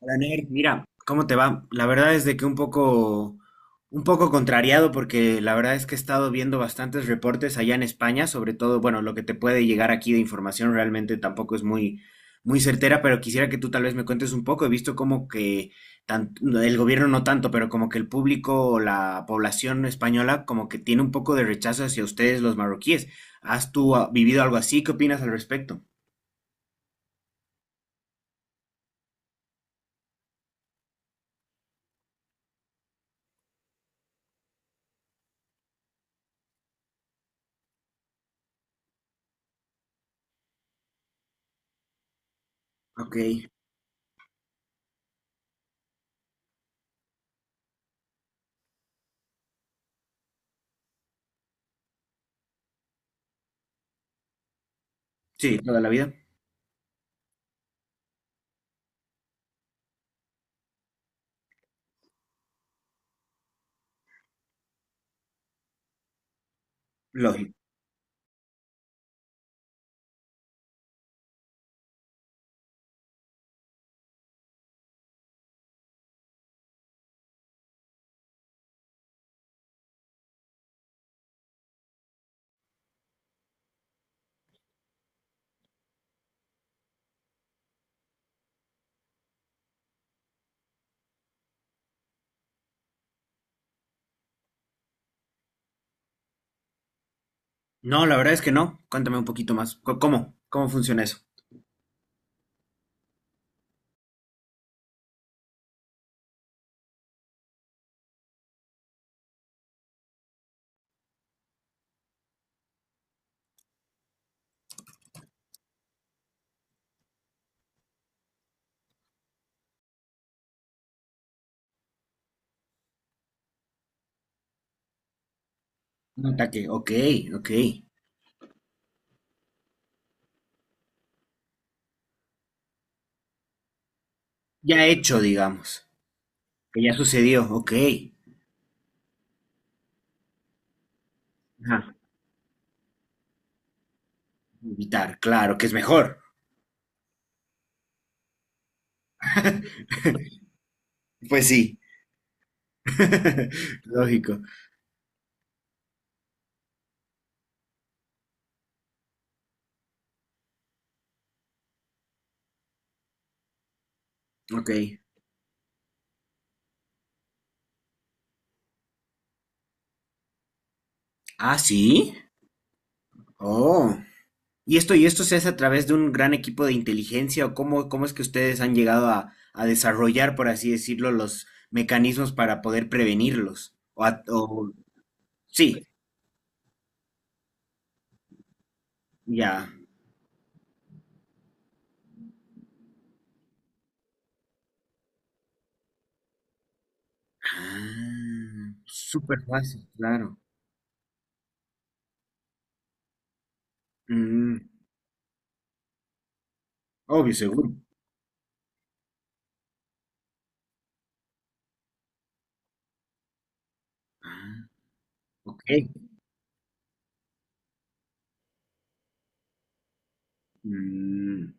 Hola, Ner. Mira, ¿cómo te va? La verdad es de que un poco contrariado porque la verdad es que he estado viendo bastantes reportes allá en España, sobre todo, bueno, lo que te puede llegar aquí de información realmente tampoco es muy, muy certera, pero quisiera que tú tal vez me cuentes un poco. He visto como que el gobierno no tanto, pero como que el público o la población española como que tiene un poco de rechazo hacia ustedes los marroquíes. ¿Has tú vivido algo así? ¿Qué opinas al respecto? Ok, sí, toda la vida. Lógico. No, la verdad es que no. Cuéntame un poquito más. ¿Cómo? ¿Cómo funciona eso? Un ataque. Ok, ok. Ya hecho, digamos. Que ya sucedió. Ok. Ajá. Evitar, claro, que es mejor. Pues sí. Lógico. Ok. Ah, sí. Oh. ¿Y esto se hace a través de un gran equipo de inteligencia o cómo es que ustedes han llegado a desarrollar, por así decirlo, los mecanismos para poder prevenirlos? Sí, ya. Ah, súper fácil, claro. Mm, obvio, seguro. Ah, ok. Mm,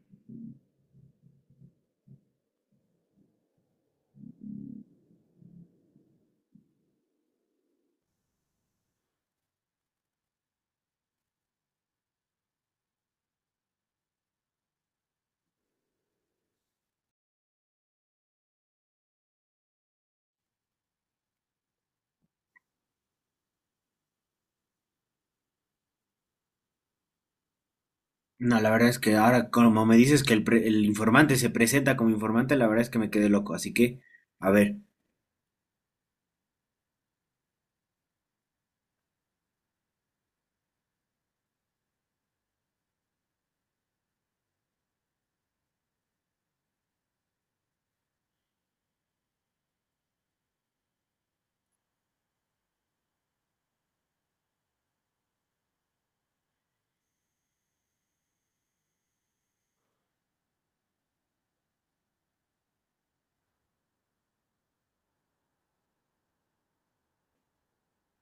no, la verdad es que ahora, como me dices que el informante se presenta como informante, la verdad es que me quedé loco. Así que, a ver.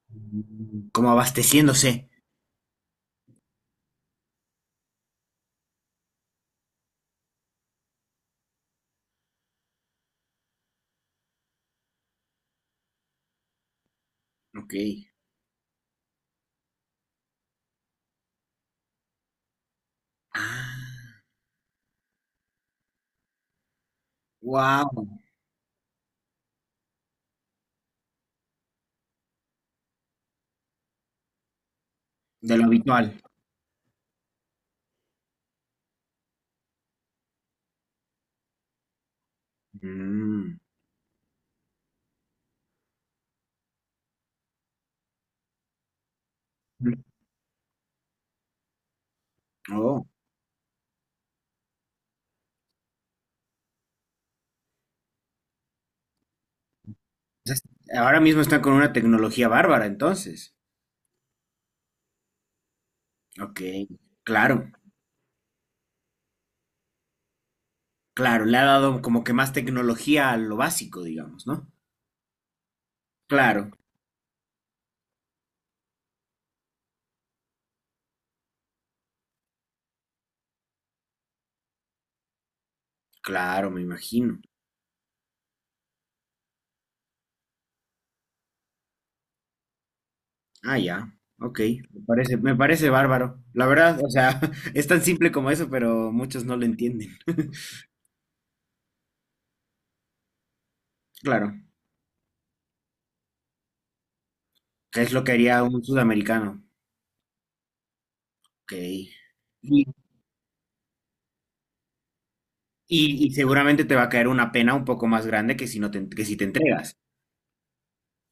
Como abasteciéndose. Ok. Ah, wow, de lo habitual. Mm, oh, entonces, ahora mismo están con una tecnología bárbara, entonces. Ok, claro. Claro, le ha dado como que más tecnología a lo básico, digamos, ¿no? Claro, claro, me imagino. Ah, ya, ok, me parece bárbaro. La verdad, o sea, es tan simple como eso, pero muchos no lo entienden. Claro, que es lo que haría un sudamericano. Ok. Y, y seguramente te va a caer una pena un poco más grande que si que si te entregas.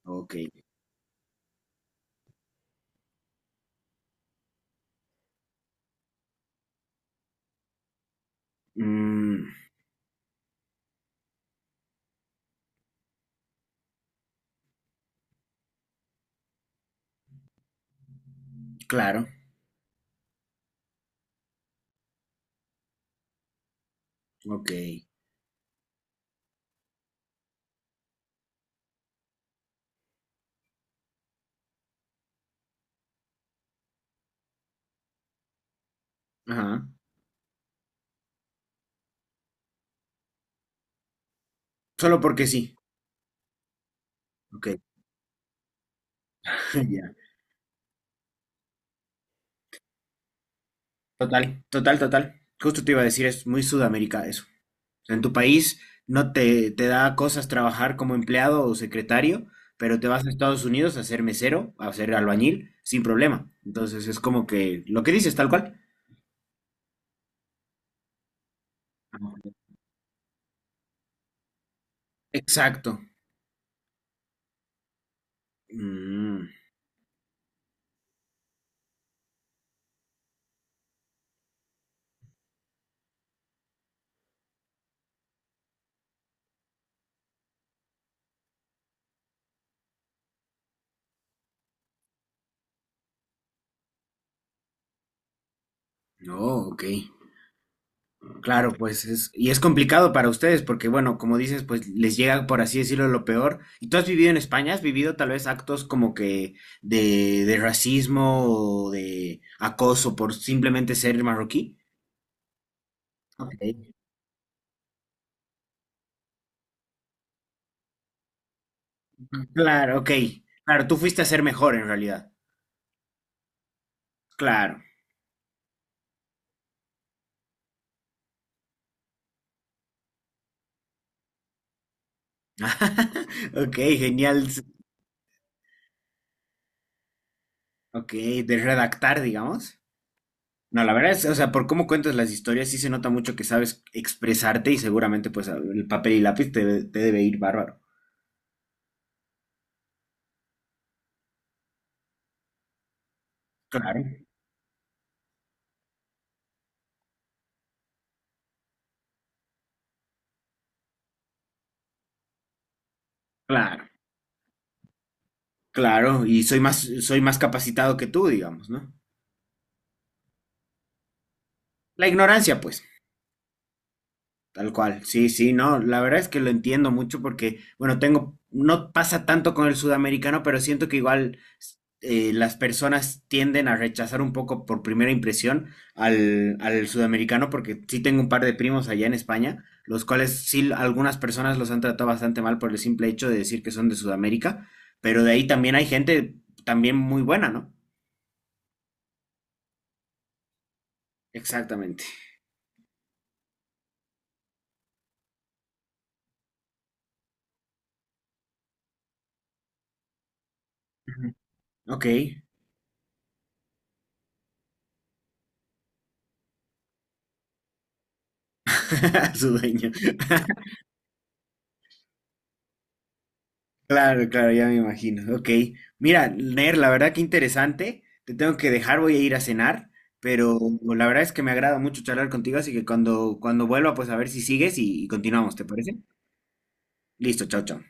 Ok. Mm, claro, ok. Ajá. Solo porque sí. Ok. Total, total, total. Justo te iba a decir, es muy Sudamérica eso. En tu país no te, te da cosas trabajar como empleado o secretario, pero te vas a Estados Unidos a ser mesero, a ser albañil, sin problema. Entonces es como que lo que dices, tal cual. Exacto. Mm, no, ok. Claro, pues es, y es complicado para ustedes porque, bueno, como dices, pues les llega, por así decirlo, lo peor. ¿Y tú has vivido en España? ¿Has vivido tal vez actos como que de racismo o de acoso por simplemente ser marroquí? Ok. Claro, ok. Claro, tú fuiste a ser mejor en realidad. Claro. Ok, genial. Ok, de redactar, digamos. No, la verdad es, o sea, por cómo cuentas las historias, sí se nota mucho que sabes expresarte y seguramente pues el papel y lápiz te debe ir bárbaro. Claro, claro, claro, y soy más capacitado que tú, digamos, ¿no? La ignorancia, pues, tal cual, sí, sí, no, la verdad es que lo entiendo mucho porque, bueno, tengo, no pasa tanto con el sudamericano, pero siento que igual las personas tienden a rechazar un poco por primera impresión al sudamericano, porque sí tengo un par de primos allá en España, los cuales sí algunas personas los han tratado bastante mal por el simple hecho de decir que son de Sudamérica, pero de ahí también hay gente también muy buena, ¿no? Exactamente. Ujú. Ok. Su dueño. Claro, claro, ya me imagino. Ok. Mira, Ner, la verdad que interesante. Te tengo que dejar, voy a ir a cenar, pero la verdad es que me agrada mucho charlar contigo, así que cuando vuelva, pues a ver si sigues y continuamos, ¿te parece? Listo, chao, chao.